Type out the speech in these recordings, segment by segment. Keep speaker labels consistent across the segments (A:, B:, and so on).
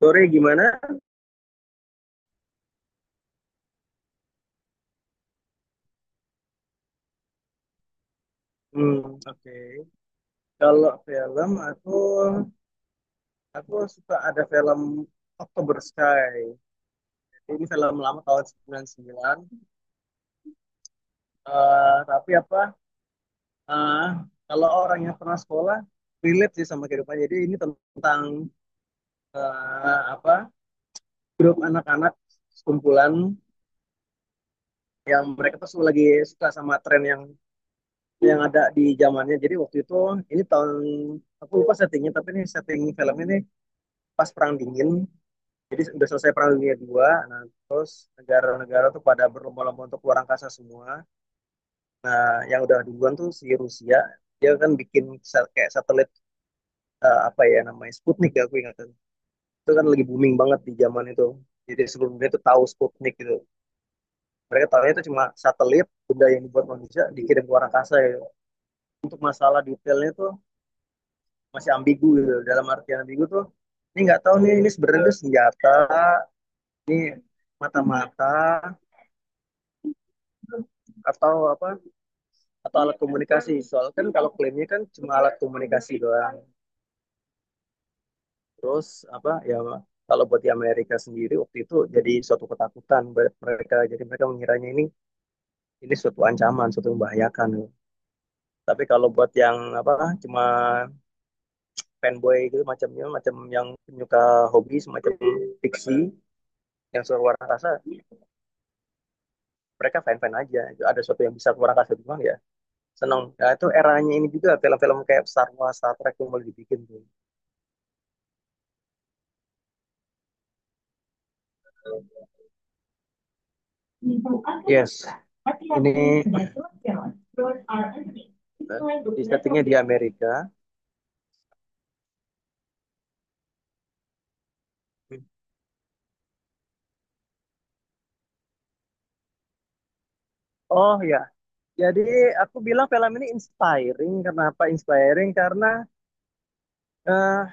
A: Sore gimana? Hmm, oke. Kalau film aku suka ada film October Sky. Ini film lama tahun 99. Eh, tapi apa? eh, Kalau orang yang pernah sekolah relate sih sama kehidupan. Jadi ini tentang eh, apa? grup anak-anak, sekumpulan yang mereka tuh semua lagi suka sama tren yang ada di zamannya. Jadi waktu itu, ini tahun aku lupa settingnya, tapi ini setting film ini pas perang dingin. Jadi udah selesai perang dunia dua, nah, terus negara-negara tuh pada berlomba-lomba untuk keluar angkasa semua. Nah, yang udah duluan tuh si Rusia. Dia kan bikin kayak satelit, apa ya namanya, Sputnik ya aku ingatan. Itu kan lagi booming banget di zaman itu, jadi seluruh dunia tuh tahu Sputnik gitu. Mereka tahunya itu cuma satelit, benda yang dibuat manusia dikirim ke luar angkasa ya. Untuk masalah detailnya tuh masih ambigu gitu. Dalam artian ambigu tuh, ini nggak tahu nih, ini sebenarnya senjata, ini mata-mata, atau apa, atau alat komunikasi. Soal kan kalau klaimnya kan cuma alat komunikasi doang. Terus apa ya, kalau buat di Amerika sendiri waktu itu jadi suatu ketakutan buat mereka. Jadi mereka mengiranya ini suatu ancaman, suatu membahayakan. Tapi kalau buat yang apa, cuma fanboy gitu, macamnya macam yang penyuka hobi, semacam fiksi, yang suka luar angkasa, mereka fan-fan aja. Ada suatu yang bisa luar angkasa doang ya, seneng. Nah, itu eranya ini juga film-film kayak Star Wars, Star Trek yang mulai dibikin tuh. Yes, ini di settingnya di Amerika. Oh ya, jadi aku bilang film ini inspiring. Kenapa inspiring? Karena eh,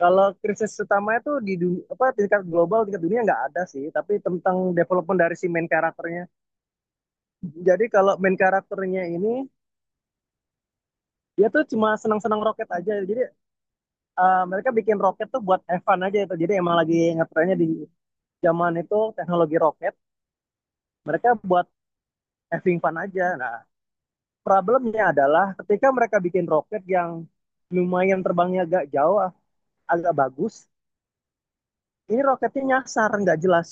A: kalau krisis utama itu di dunia, apa, tingkat global, tingkat dunia nggak ada sih. Tapi tentang development dari si main karakternya. Jadi kalau main karakternya ini, dia tuh cuma senang-senang roket aja. Jadi mereka bikin roket tuh buat Evan aja itu. Jadi emang lagi ngetrennya di zaman itu teknologi roket, mereka buat having fun aja. Nah, problemnya adalah ketika mereka bikin roket yang lumayan, terbangnya agak jauh, agak bagus, ini roketnya nyasar, nggak jelas.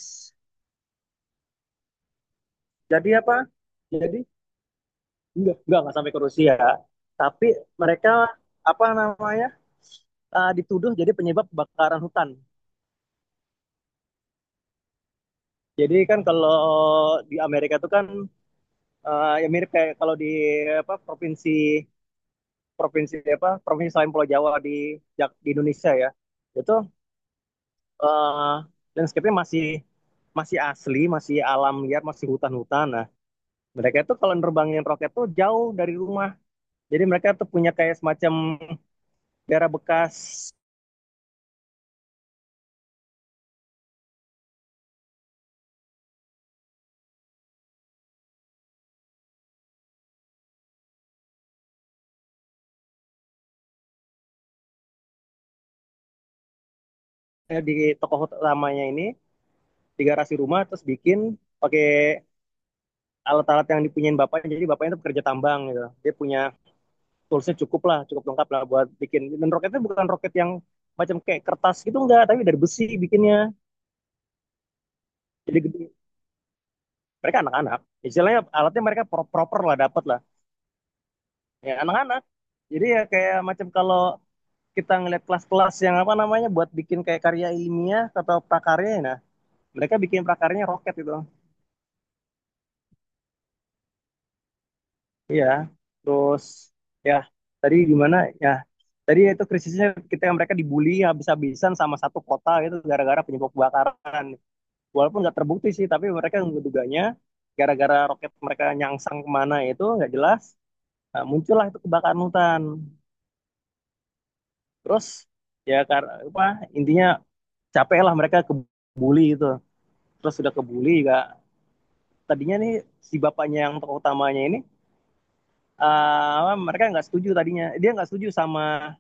A: Jadi apa? Jadi nggak sampai ke Rusia, tapi mereka apa namanya, dituduh jadi penyebab kebakaran hutan. Jadi kan kalau di Amerika itu kan, ya mirip kayak kalau di apa, provinsi, provinsi apa provinsi selain Pulau Jawa di Jak- di Indonesia ya. Itu eh, landscape-nya masih masih asli, masih alam liar, masih hutan-hutan. Nah, mereka itu kalau nerbangin roket tuh jauh dari rumah. Jadi mereka tuh punya kayak semacam daerah bekas, di toko utamanya ini, di garasi rumah terus bikin pakai alat-alat yang dipunyain bapaknya. Jadi bapaknya itu pekerja tambang gitu. Dia punya toolsnya cukup lah, cukup lengkap lah buat bikin. Dan roketnya bukan roket yang macam kayak kertas gitu enggak, tapi dari besi bikinnya. Jadi gede. Mereka anak-anak. Istilahnya alatnya mereka proper lah, dapat lah. Ya anak-anak, jadi ya kayak macam kalau kita ngeliat kelas-kelas yang apa namanya buat bikin kayak karya ilmiah atau prakarya ya. Nah, mereka bikin prakaryanya roket gitu. Iya, terus ya, tadi gimana ya, tadi itu krisisnya ketika mereka dibully habis-habisan sama satu kota gitu gara-gara penyebab kebakaran. Walaupun nggak terbukti sih, tapi mereka menduganya gara-gara roket mereka nyangsang kemana itu nggak jelas. Nah, muncullah itu kebakaran hutan. Terus ya, karena apa, intinya capek lah mereka kebuli itu. Terus sudah kebuli juga, tadinya nih si bapaknya yang tokoh utamanya ini, mereka nggak setuju, tadinya dia nggak setuju sama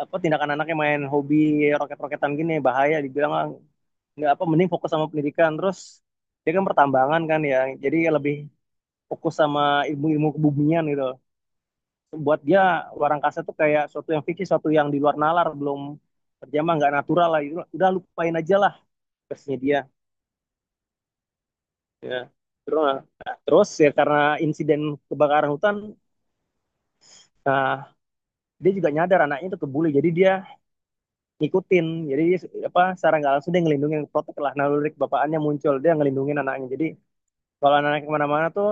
A: apa, tindakan anaknya main hobi roket-roketan gini bahaya, dibilang, "Ah, nggak apa, mending fokus sama pendidikan." Terus dia kan pertambangan kan ya, jadi lebih fokus sama ilmu-ilmu kebumian gitu. Buat dia, luar angkasa tuh kayak suatu yang fiksi, suatu yang di luar nalar, belum terjamah, nggak natural lah. Itu- udah lupain aja lah, kesnya dia. Ya. Terus, nah, terus ya karena insiden kebakaran hutan, nah, dia juga nyadar anaknya itu kebuli, jadi dia ngikutin. Jadi dia, apa, secara nggak langsung dia ngelindungin, protek lah, naluri kebapaannya muncul, dia ngelindungin anaknya. Jadi kalau anaknya kemana-mana tuh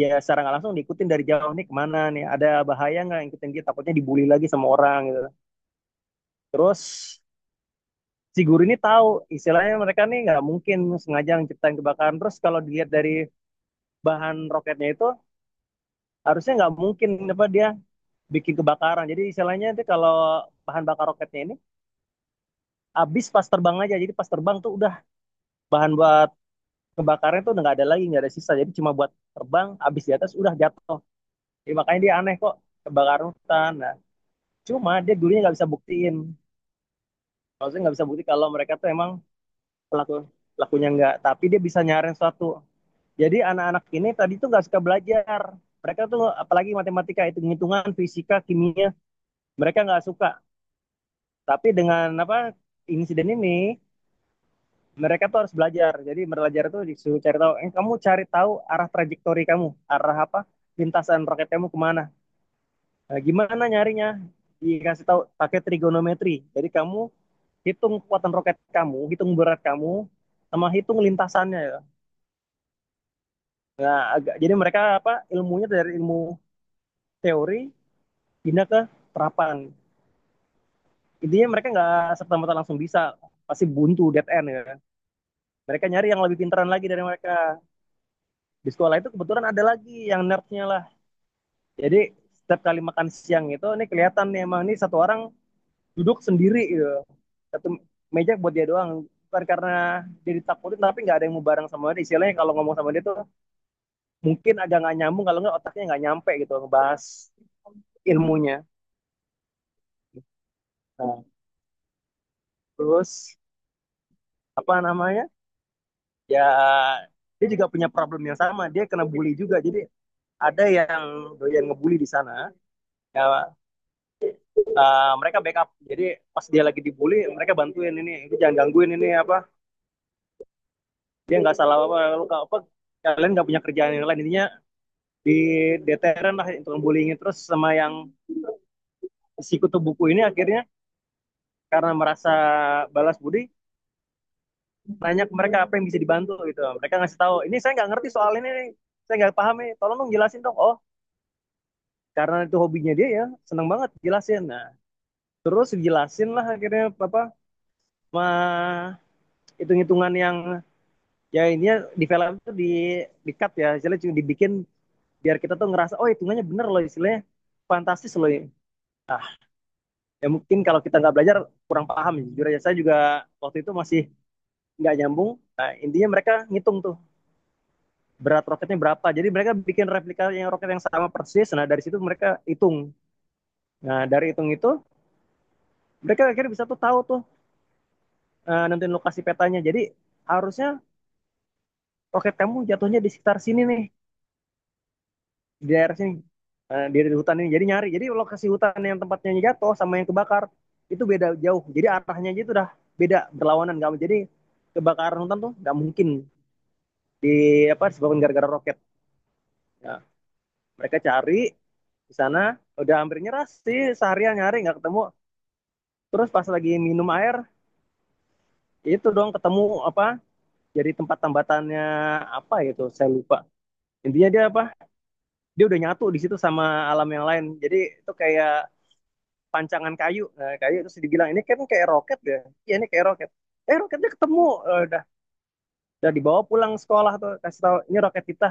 A: ya secara nggak langsung diikutin dari jauh, nih kemana nih, ada bahaya nggak, ngikutin dia, takutnya dibully lagi sama orang gitu. Terus si guru ini tahu istilahnya mereka nih nggak mungkin sengaja menciptain kebakaran. Terus kalau dilihat dari bahan roketnya itu, harusnya nggak mungkin apa dia bikin kebakaran. Jadi istilahnya itu kalau bahan bakar roketnya ini habis pas terbang aja. Jadi pas terbang tuh udah, bahan buat kebakarnya tuh udah nggak ada lagi, nggak ada sisa. Jadi cuma buat terbang, habis di atas udah jatuh. Jadi makanya dia aneh kok kebakaran hutan. Nah, cuma dia dulunya nggak bisa buktiin. Maksudnya nggak bisa bukti kalau mereka tuh emang pelaku, pelakunya nggak. Tapi dia bisa nyaring suatu. Jadi anak-anak ini tadi tuh nggak suka belajar. Mereka tuh apalagi matematika, hitung-hitungan, fisika, kimia, mereka nggak suka. Tapi dengan apa, insiden ini mereka tuh harus belajar. Jadi belajar tuh disuruh cari tahu. Eh, kamu cari tahu arah trajektori kamu, arah apa, lintasan roket kamu kemana. Nah, gimana nyarinya? Dikasih tahu pakai trigonometri. Jadi kamu hitung kekuatan roket kamu, hitung berat kamu, sama hitung lintasannya ya. Nah, agak, jadi mereka apa, ilmunya dari ilmu teori pindah ke terapan. Intinya mereka nggak serta merta langsung bisa, pasti buntu, dead end ya kan. Mereka nyari yang lebih pintaran lagi dari mereka. Di sekolah itu kebetulan ada lagi yang nerdnya lah. Jadi setiap kali makan siang itu ini kelihatan nih, emang ini satu orang duduk sendiri gitu, satu meja buat dia doang. Bukan karena dia ditakutin, tapi nggak ada yang mau bareng sama dia. Istilahnya kalau ngomong sama dia tuh mungkin agak nggak nyambung, kalau nggak otaknya nggak nyampe gitu ngebahas ilmunya. Nah, terus apa namanya, ya, dia juga punya problem yang sama, dia kena bully juga. Jadi ada yang doyan ngebully di sana ya. Mereka backup. Jadi pas dia lagi dibully, mereka bantuin, ini itu jangan gangguin ini apa, dia nggak salah apa, lu nggak apa, kalian nggak punya kerjaan yang lain, intinya di deteren lah itu bullying. Terus sama yang si kutu buku ini, akhirnya karena merasa balas budi, nanya ke mereka apa yang bisa dibantu gitu. Mereka ngasih tahu, ini saya nggak ngerti soal ini nih, saya nggak paham nih, tolong dong jelasin dong. Oh, karena itu hobinya dia ya, seneng banget jelasin. Nah, terus jelasin lah akhirnya apa, mah hitung-hitungan yang ya ini ya, di film itu di cut ya. Jadi dibikin biar kita tuh ngerasa, oh hitungannya bener loh, istilahnya fantastis loh ya. Nah, ya mungkin kalau kita nggak belajar kurang paham ya. Jujur aja saya juga waktu itu masih nggak nyambung. Nah, intinya mereka ngitung tuh berat roketnya berapa. Jadi mereka bikin replika yang roket yang sama persis, nah dari situ mereka hitung. Nah, dari hitung itu mereka akhirnya bisa tuh tahu tuh, nentuin lokasi petanya. Jadi harusnya roket kamu jatuhnya di sekitar sini nih, di daerah sini, di hutan ini. Jadi nyari, jadi lokasi hutan yang tempatnya jatuh sama yang kebakar itu beda jauh. Jadi arahnya aja itu udah beda, berlawanan. Nggak, jadi kebakaran hutan tuh nggak mungkin di apa, disebabkan gara-gara roket. Ya, mereka cari di sana udah hampir nyerah sih, seharian nyari nggak ketemu. Terus pas lagi minum air, ya itu dong ketemu apa, jadi tempat tambatannya apa gitu, saya lupa. Intinya dia apa, dia udah nyatu di situ sama alam yang lain. Jadi itu kayak pancangan kayu. Nah, kayu terus dibilang, ini kan kayak roket ya. Iya ini kayak roket. Eh, roketnya ketemu. Eh, udah dibawa pulang, sekolah tuh kasih tahu ini roket kita.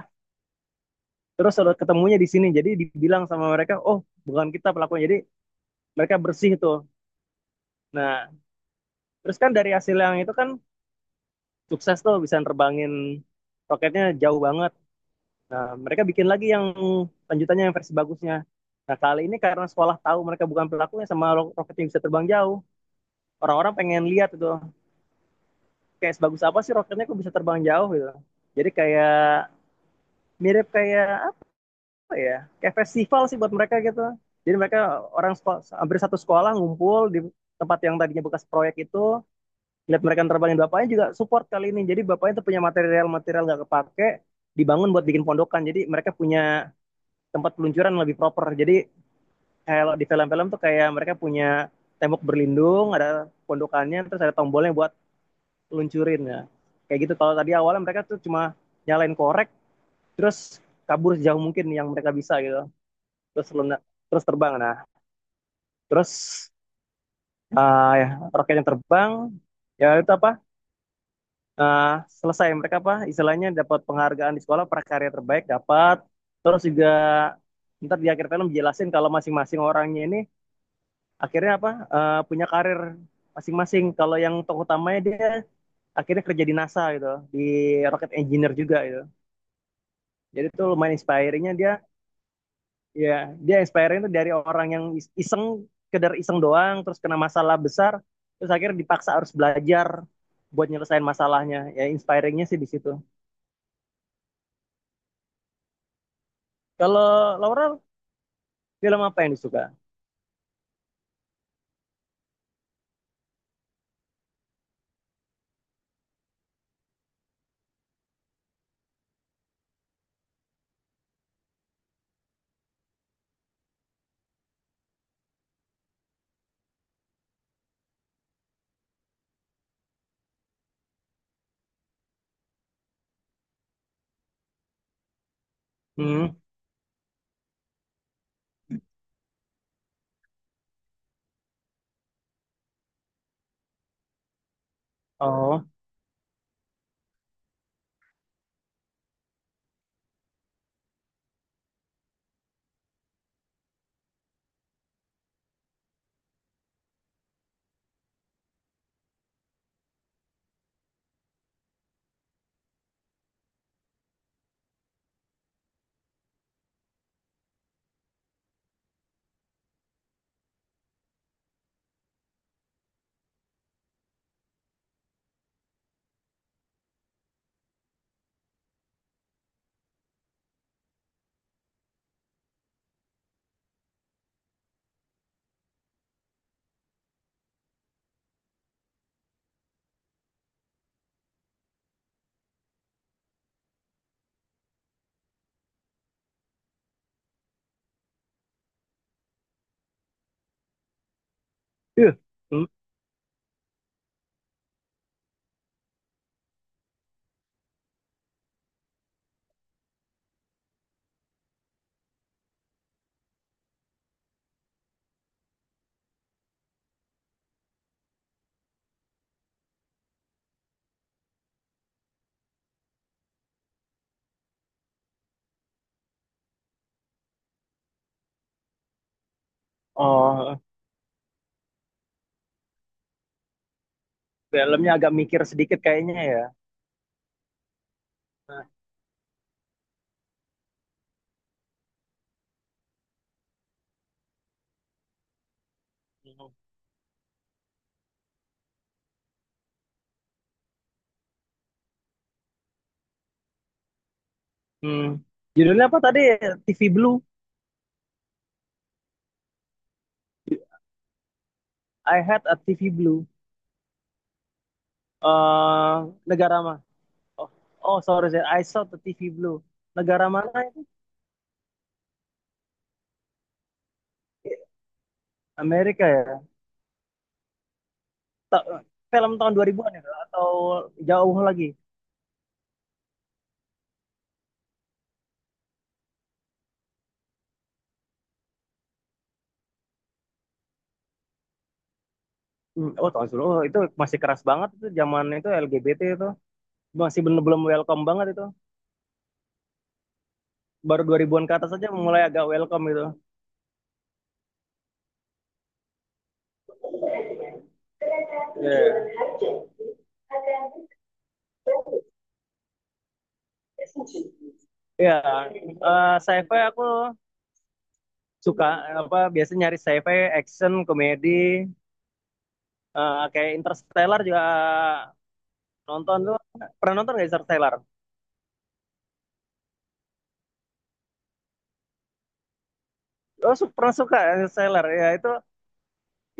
A: Terus udah ketemunya di sini. Jadi dibilang sama mereka, "Oh, bukan kita pelakunya." Jadi mereka bersih tuh. Nah, terus kan dari hasil yang itu kan sukses tuh bisa nerbangin roketnya jauh banget. Nah, mereka bikin lagi yang lanjutannya, yang versi bagusnya. Nah, kali ini karena sekolah tahu mereka bukan pelakunya sama ro- roket yang bisa terbang jauh, orang-orang pengen lihat itu kayak sebagus apa sih roketnya kok bisa terbang jauh gitu. Jadi kayak mirip kayak apa ya? Kayak festival sih buat mereka gitu. Jadi mereka orang sekol-, hampir satu sekolah ngumpul di tempat yang tadinya bekas proyek itu, lihat mereka terbangin. Bapaknya juga support kali ini. Jadi bapaknya tuh punya material-material nggak kepake, dibangun buat bikin pondokan. Jadi mereka punya tempat peluncuran lebih proper. Jadi kalau di film-film tuh kayak mereka punya tembok berlindung, ada pondokannya, terus ada tombolnya buat luncurin ya. Kayak gitu. Kalau tadi awalnya mereka tuh cuma nyalain korek terus kabur sejauh mungkin yang mereka bisa gitu. Terus luna, terus terbang. Nah, terus ya, roketnya terbang ya itu apa? Uh, Selesai mereka apa istilahnya dapat penghargaan di sekolah, prakarya terbaik dapat, terus juga ntar di akhir film jelasin kalau masing-masing orangnya ini akhirnya apa punya karir masing-masing. Kalau yang tokoh utamanya, dia akhirnya kerja di NASA gitu, di rocket engineer juga gitu. Jadi tuh lumayan inspiringnya dia. Ya, dia inspiring tuh dari orang yang iseng, kedar iseng doang, terus kena masalah besar, terus akhirnya dipaksa harus belajar buat nyelesain masalahnya. Ya, inspiringnya sih di situ. Kalau Laura, film apa yang disuka? Hmm. Oh. Ih. Hmm. Oh, filmnya agak mikir sedikit kayaknya ya. Nah. Hmm. Judulnya apa tadi? TV Blue? I had a TV Blue. eh Negara. Oh. Oh sorry, saya I saw the TV Blue. Negara mana itu? Amerika ya? Ta- Film tahun 2000-an ya? Atau jauh lagi? Hmm. Oh, tahun sebelum. Oh, itu masih keras banget itu zaman itu LGBT itu. Masih belum belum welcome banget itu. Baru 2000-an ke atas aja mulai agak welcome gitu. Iya. Iya, sci-fi aku suka, apa biasanya nyari sci-fi, action, komedi, kayak Interstellar juga. Nonton tuh Pernah nonton nggak Interstellar? Oh, pernah suka Interstellar ya itu.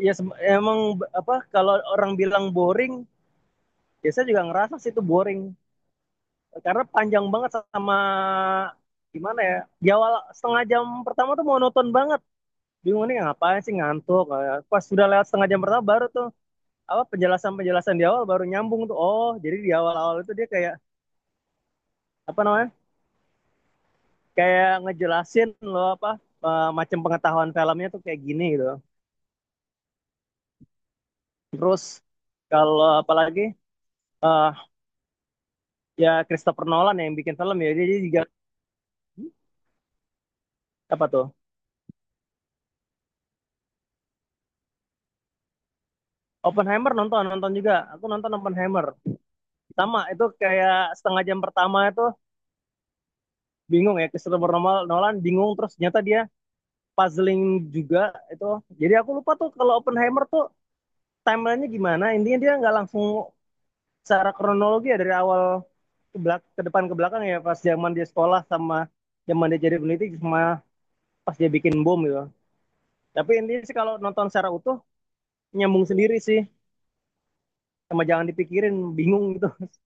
A: Ya, emang apa kalau orang bilang boring, ya saya juga ngerasa sih itu boring, karena panjang banget sama gimana ya? Di awal setengah jam pertama tuh monoton banget. Bingung nih ngapain sih, ngantuk. Pas sudah lewat setengah jam pertama baru tuh apa penjelasan-penjelasan di awal baru nyambung tuh. Oh, jadi di awal-awal itu dia kayak apa namanya? Kayak ngejelasin loh apa macam pengetahuan filmnya tuh kayak gini gitu. Terus kalau apalagi eh ya Christopher Nolan yang bikin film ya, dia dia juga apa tuh Oppenheimer. Nonton nonton juga, aku nonton Oppenheimer. Sama itu kayak setengah jam pertama itu bingung ya, Christopher Nolan Nolan bingung, terus ternyata dia puzzling juga itu. Jadi aku lupa tuh, kalau Oppenheimer tuh timelinenya gimana, intinya dia nggak langsung secara kronologi ya, dari awal ke belak ke depan ke belakang ya, pas zaman dia sekolah, sama zaman dia jadi peneliti, sama pas dia bikin bom gitu. Tapi intinya sih kalau nonton secara utuh, nyambung sendiri sih, sama jangan dipikirin bingung gitu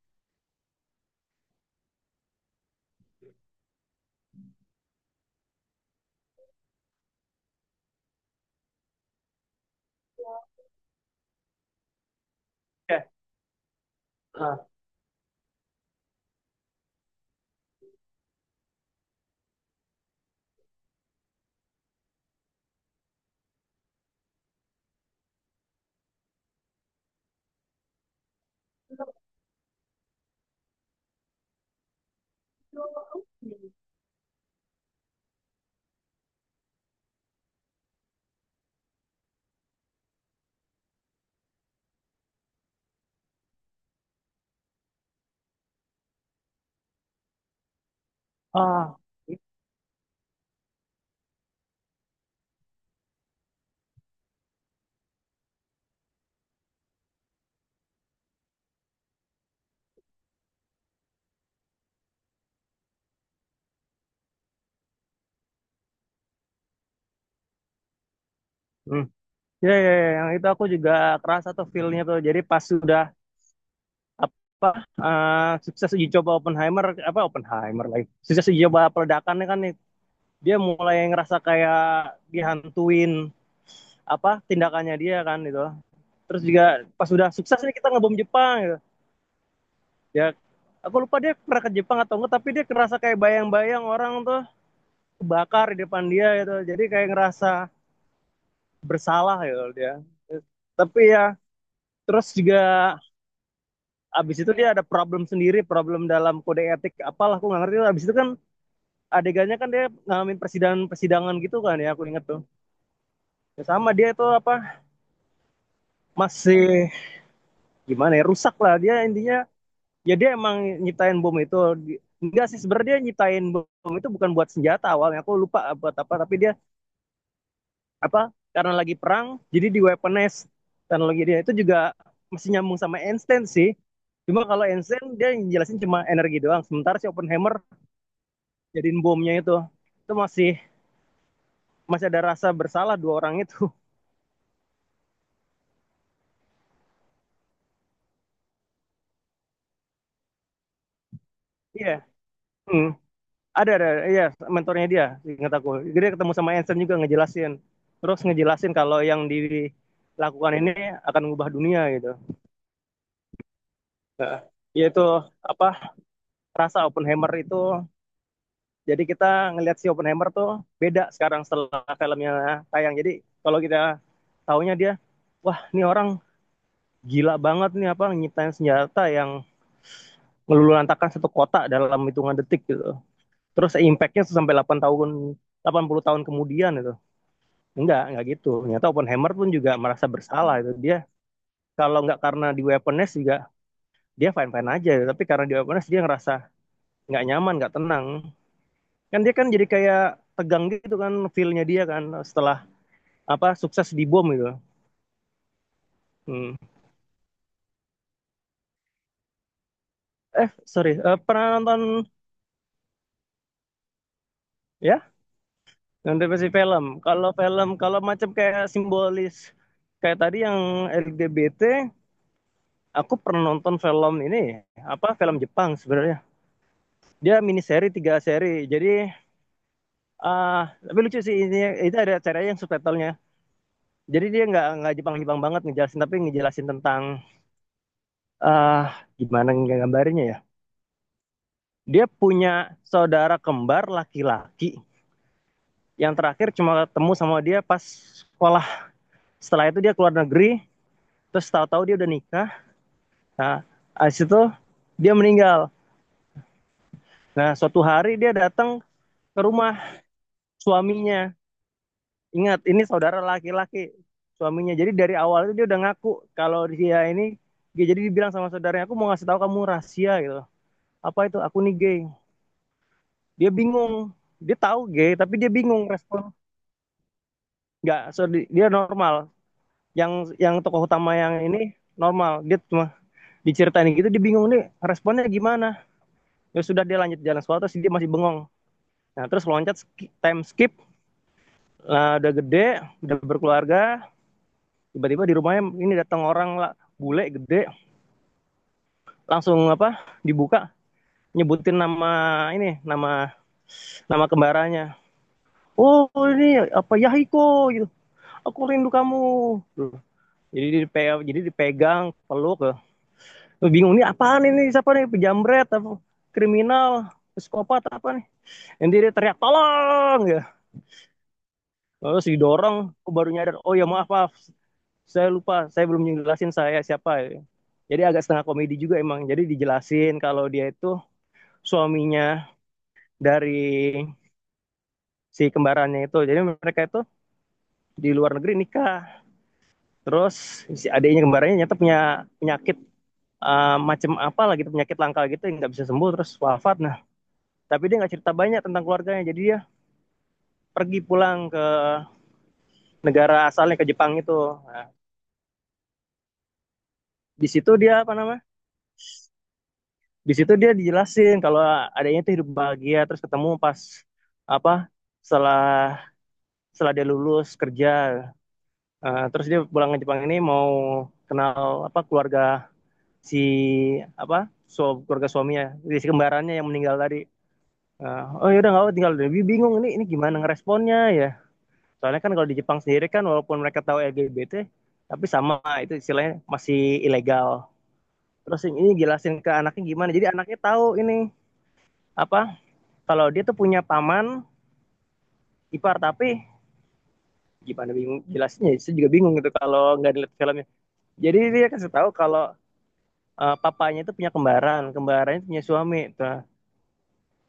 A: Ah. Ah. Hmm. Ya, ya, ya, yang itu aku juga kerasa tuh feel-nya tuh. Jadi pas sudah apa sukses uji coba Oppenheimer, apa Oppenheimer lagi sukses uji coba peledakannya kan nih, dia mulai ngerasa kayak dihantuin apa tindakannya dia kan gitu. Terus juga pas sudah sukses nih kita ngebom Jepang gitu, ya aku lupa dia pernah ke Jepang atau enggak, tapi dia ngerasa kayak bayang-bayang orang tuh kebakar di depan dia gitu, jadi kayak ngerasa bersalah gitu dia. Tapi ya, terus juga abis itu dia ada problem sendiri, problem dalam kode etik apalah aku nggak ngerti. Abis itu kan adegannya kan dia ngalamin persidangan persidangan gitu kan ya, aku inget tuh. Ya sama dia itu apa masih gimana ya, rusak lah dia intinya. Ya dia emang nyiptain bom itu. Enggak sih, sebenarnya dia nyiptain bom itu bukan buat senjata awalnya, aku lupa buat apa, tapi dia apa karena lagi perang, jadi di weaponize teknologi dia itu juga. Masih nyambung sama Einstein sih, cuma kalau Einstein dia jelasin cuma energi doang, sementara si Oppenheimer jadiin bomnya itu masih masih ada rasa bersalah 2 orang itu. Iya yeah. Hmm. Ada iya, mentornya dia. Ingat aku, jadi dia ketemu sama Einstein juga ngejelasin, terus ngejelasin kalau yang dilakukan ini akan mengubah dunia gitu. Nah, yaitu apa rasa Oppenheimer itu. Jadi kita ngelihat si Oppenheimer tuh beda sekarang setelah filmnya tayang. Jadi kalau kita taunya dia, wah ini orang gila banget nih, apa nyiptain senjata yang ngelululantakan satu kota dalam hitungan detik gitu. Terus impactnya sampai 8 tahun, 80 tahun kemudian itu. Enggak gitu. Ternyata Oppenheimer pun juga merasa bersalah itu. Dia kalau nggak karena di weaponize juga, dia fine-fine aja. Tapi karena di weaponize dia ngerasa nggak nyaman, nggak tenang. Kan dia kan jadi kayak tegang gitu kan feel-nya dia kan setelah apa sukses di bom gitu. Hmm. Sorry, pernah nonton? Ya, nonton versi film. Kalau film, kalau macam kayak simbolis kayak tadi yang LGBT, aku pernah nonton film ini apa film Jepang sebenarnya. Dia mini seri 3 seri. Jadi ah tapi lucu sih ini, itu ada cara yang subtitlenya. Jadi dia nggak Jepang-Jepang banget ngejelasin, tapi ngejelasin tentang ah gimana, nggak gambarnya ya. Dia punya saudara kembar laki-laki yang terakhir cuma ketemu sama dia pas sekolah, setelah itu dia keluar negeri, terus tahu-tahu dia udah nikah. Nah abis itu dia meninggal. Nah, suatu hari dia datang ke rumah suaminya, ingat ini saudara laki-laki suaminya. Jadi dari awal itu dia udah ngaku kalau dia ini gay, jadi dibilang sama saudaranya, aku mau ngasih tahu kamu rahasia gitu, apa itu, aku nih gay. Dia bingung, dia tahu gay tapi dia bingung respon nggak, so, dia normal. Yang tokoh utama yang ini normal, dia cuma diceritain gitu, dia bingung nih responnya gimana. Ya sudah dia lanjut jalan, suatu sih dia masih bengong. Nah terus loncat, time skip lah udah gede, udah berkeluarga. Tiba-tiba di rumahnya ini datang orang lah, bule gede, langsung apa dibuka, nyebutin nama ini nama, nama kembarannya, oh ini apa Yahiko gitu, aku rindu kamu, jadi dipegang peluk. Lu bingung nih apaan ini, siapa nih, pejamret apa, kriminal, psikopat apa nih, yang dia teriak tolong ya. Terus didorong, aku baru nyadar, oh ya maaf maaf, saya lupa, saya belum jelasin saya siapa ya. Jadi agak setengah komedi juga emang. Jadi dijelasin kalau dia itu suaminya dari si kembarannya itu, jadi mereka itu di luar negeri nikah. Terus si adiknya kembarannya nyata punya penyakit, macam apa lah gitu, penyakit langka gitu yang nggak bisa sembuh, terus wafat. Nah tapi dia nggak cerita banyak tentang keluarganya, jadi dia pergi pulang ke negara asalnya, ke Jepang itu. Nah, di situ dia apa nama? Di situ dia dijelasin kalau adanya itu hidup bahagia, terus ketemu pas apa setelah setelah dia lulus kerja. Eh, terus dia pulang ke Jepang ini mau kenal apa keluarga si apa, keluarga suaminya, jadi si kembarannya yang meninggal tadi. Eh, oh ya udah nggak apa, tinggal lebih bingung ini gimana ngeresponnya ya. Soalnya kan kalau di Jepang sendiri kan walaupun mereka tahu LGBT, tapi sama itu istilahnya masih ilegal. Terus ini jelasin ke anaknya gimana, jadi anaknya tahu ini apa, kalau dia tuh punya paman ipar. Tapi gimana bingung jelasnya, saya juga bingung gitu kalau nggak dilihat filmnya. Jadi dia kasih tahu kalau papanya itu punya kembaran, kembarannya punya suami. Nah,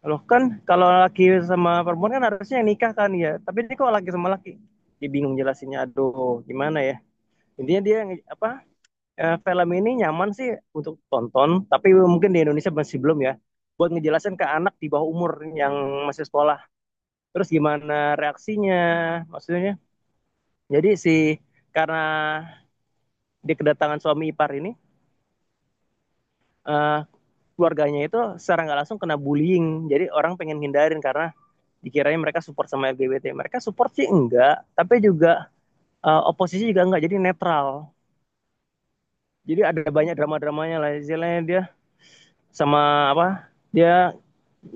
A: loh kan kalau laki sama perempuan kan harusnya yang nikah kan ya, tapi ini kok laki sama laki. Dia bingung jelasinnya, aduh gimana ya. Intinya dia apa, film ini nyaman sih untuk tonton, tapi mungkin di Indonesia masih belum ya, buat ngejelasin ke anak di bawah umur yang masih sekolah. Terus gimana reaksinya, maksudnya, jadi si karena di kedatangan suami ipar ini, eh, keluarganya itu secara nggak langsung kena bullying, jadi orang pengen hindarin karena dikiranya mereka support sama LGBT. Mereka support sih enggak, tapi juga oposisi juga enggak, jadi netral. Jadi ada banyak drama-dramanya lah, istilahnya dia sama apa dia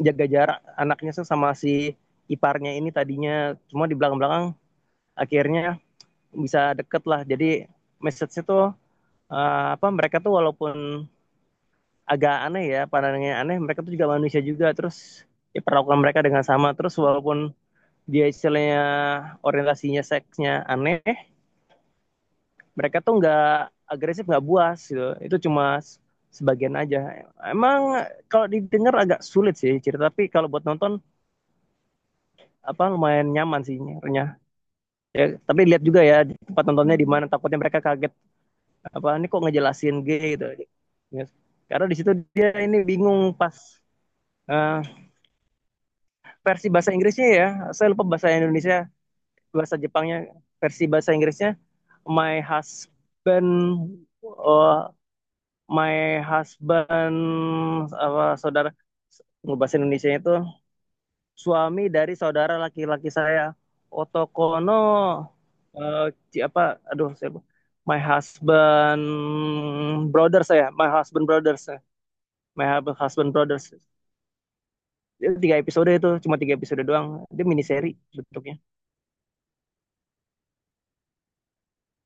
A: jaga jarak anaknya tuh sama si iparnya ini tadinya, cuma di belakang-belakang akhirnya bisa deket lah. Jadi message-nya tuh apa, mereka tuh walaupun agak aneh ya pandangannya aneh, mereka tuh juga manusia juga, terus ya perlakukan mereka dengan sama terus. Walaupun dia istilahnya orientasinya seksnya aneh, mereka tuh nggak agresif, nggak buas gitu, itu cuma sebagian aja emang. Kalau didengar agak sulit sih cerita, tapi kalau buat nonton apa lumayan nyaman sih nyernya. Ya, tapi lihat juga ya tempat nontonnya di mana, takutnya mereka kaget, apa ini kok ngejelasin G gitu ya. Karena di situ dia ini bingung pas uh, versi bahasa Inggrisnya ya, saya lupa bahasa Indonesia, bahasa Jepangnya. Versi bahasa Inggrisnya my husband, uh, my husband, apa saudara, bahasa Indonesia itu suami dari saudara laki-laki saya, Otokono, uh, apa, aduh saya lupa. My husband brothers, saya my husband brothers ya. My husband brothers. Itu 3 episode, itu cuma 3 episode doang, dia mini seri bentuknya.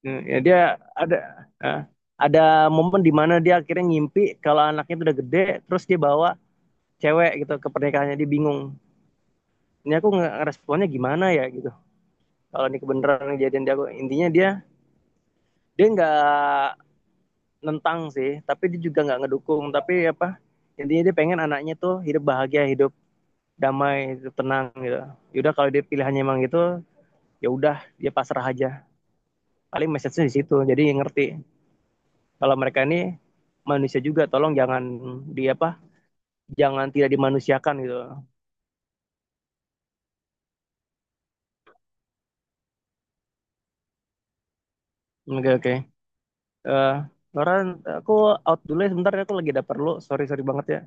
A: Eh, ya dia ada, eh, ada momen di mana dia akhirnya ngimpi kalau anaknya itu udah gede, terus dia bawa cewek gitu ke pernikahannya, dia bingung. Ini aku ngeresponnya gimana ya gitu. Kalau ini kebenaran kejadian dia, aku intinya dia dia nggak nentang sih, tapi dia juga nggak ngedukung. Tapi apa intinya, dia pengen anaknya tuh hidup bahagia, hidup damai, hidup tenang gitu. Yaudah kalau dia pilihannya emang gitu, ya udah dia pasrah aja. Paling message-nya di situ. Jadi ngerti kalau mereka ini manusia juga, tolong jangan di apa, jangan tidak dimanusiakan gitu. Oke oke. Eh, Loren, aku out dulu ya sebentar ya, aku lagi ada perlu, sorry sorry banget ya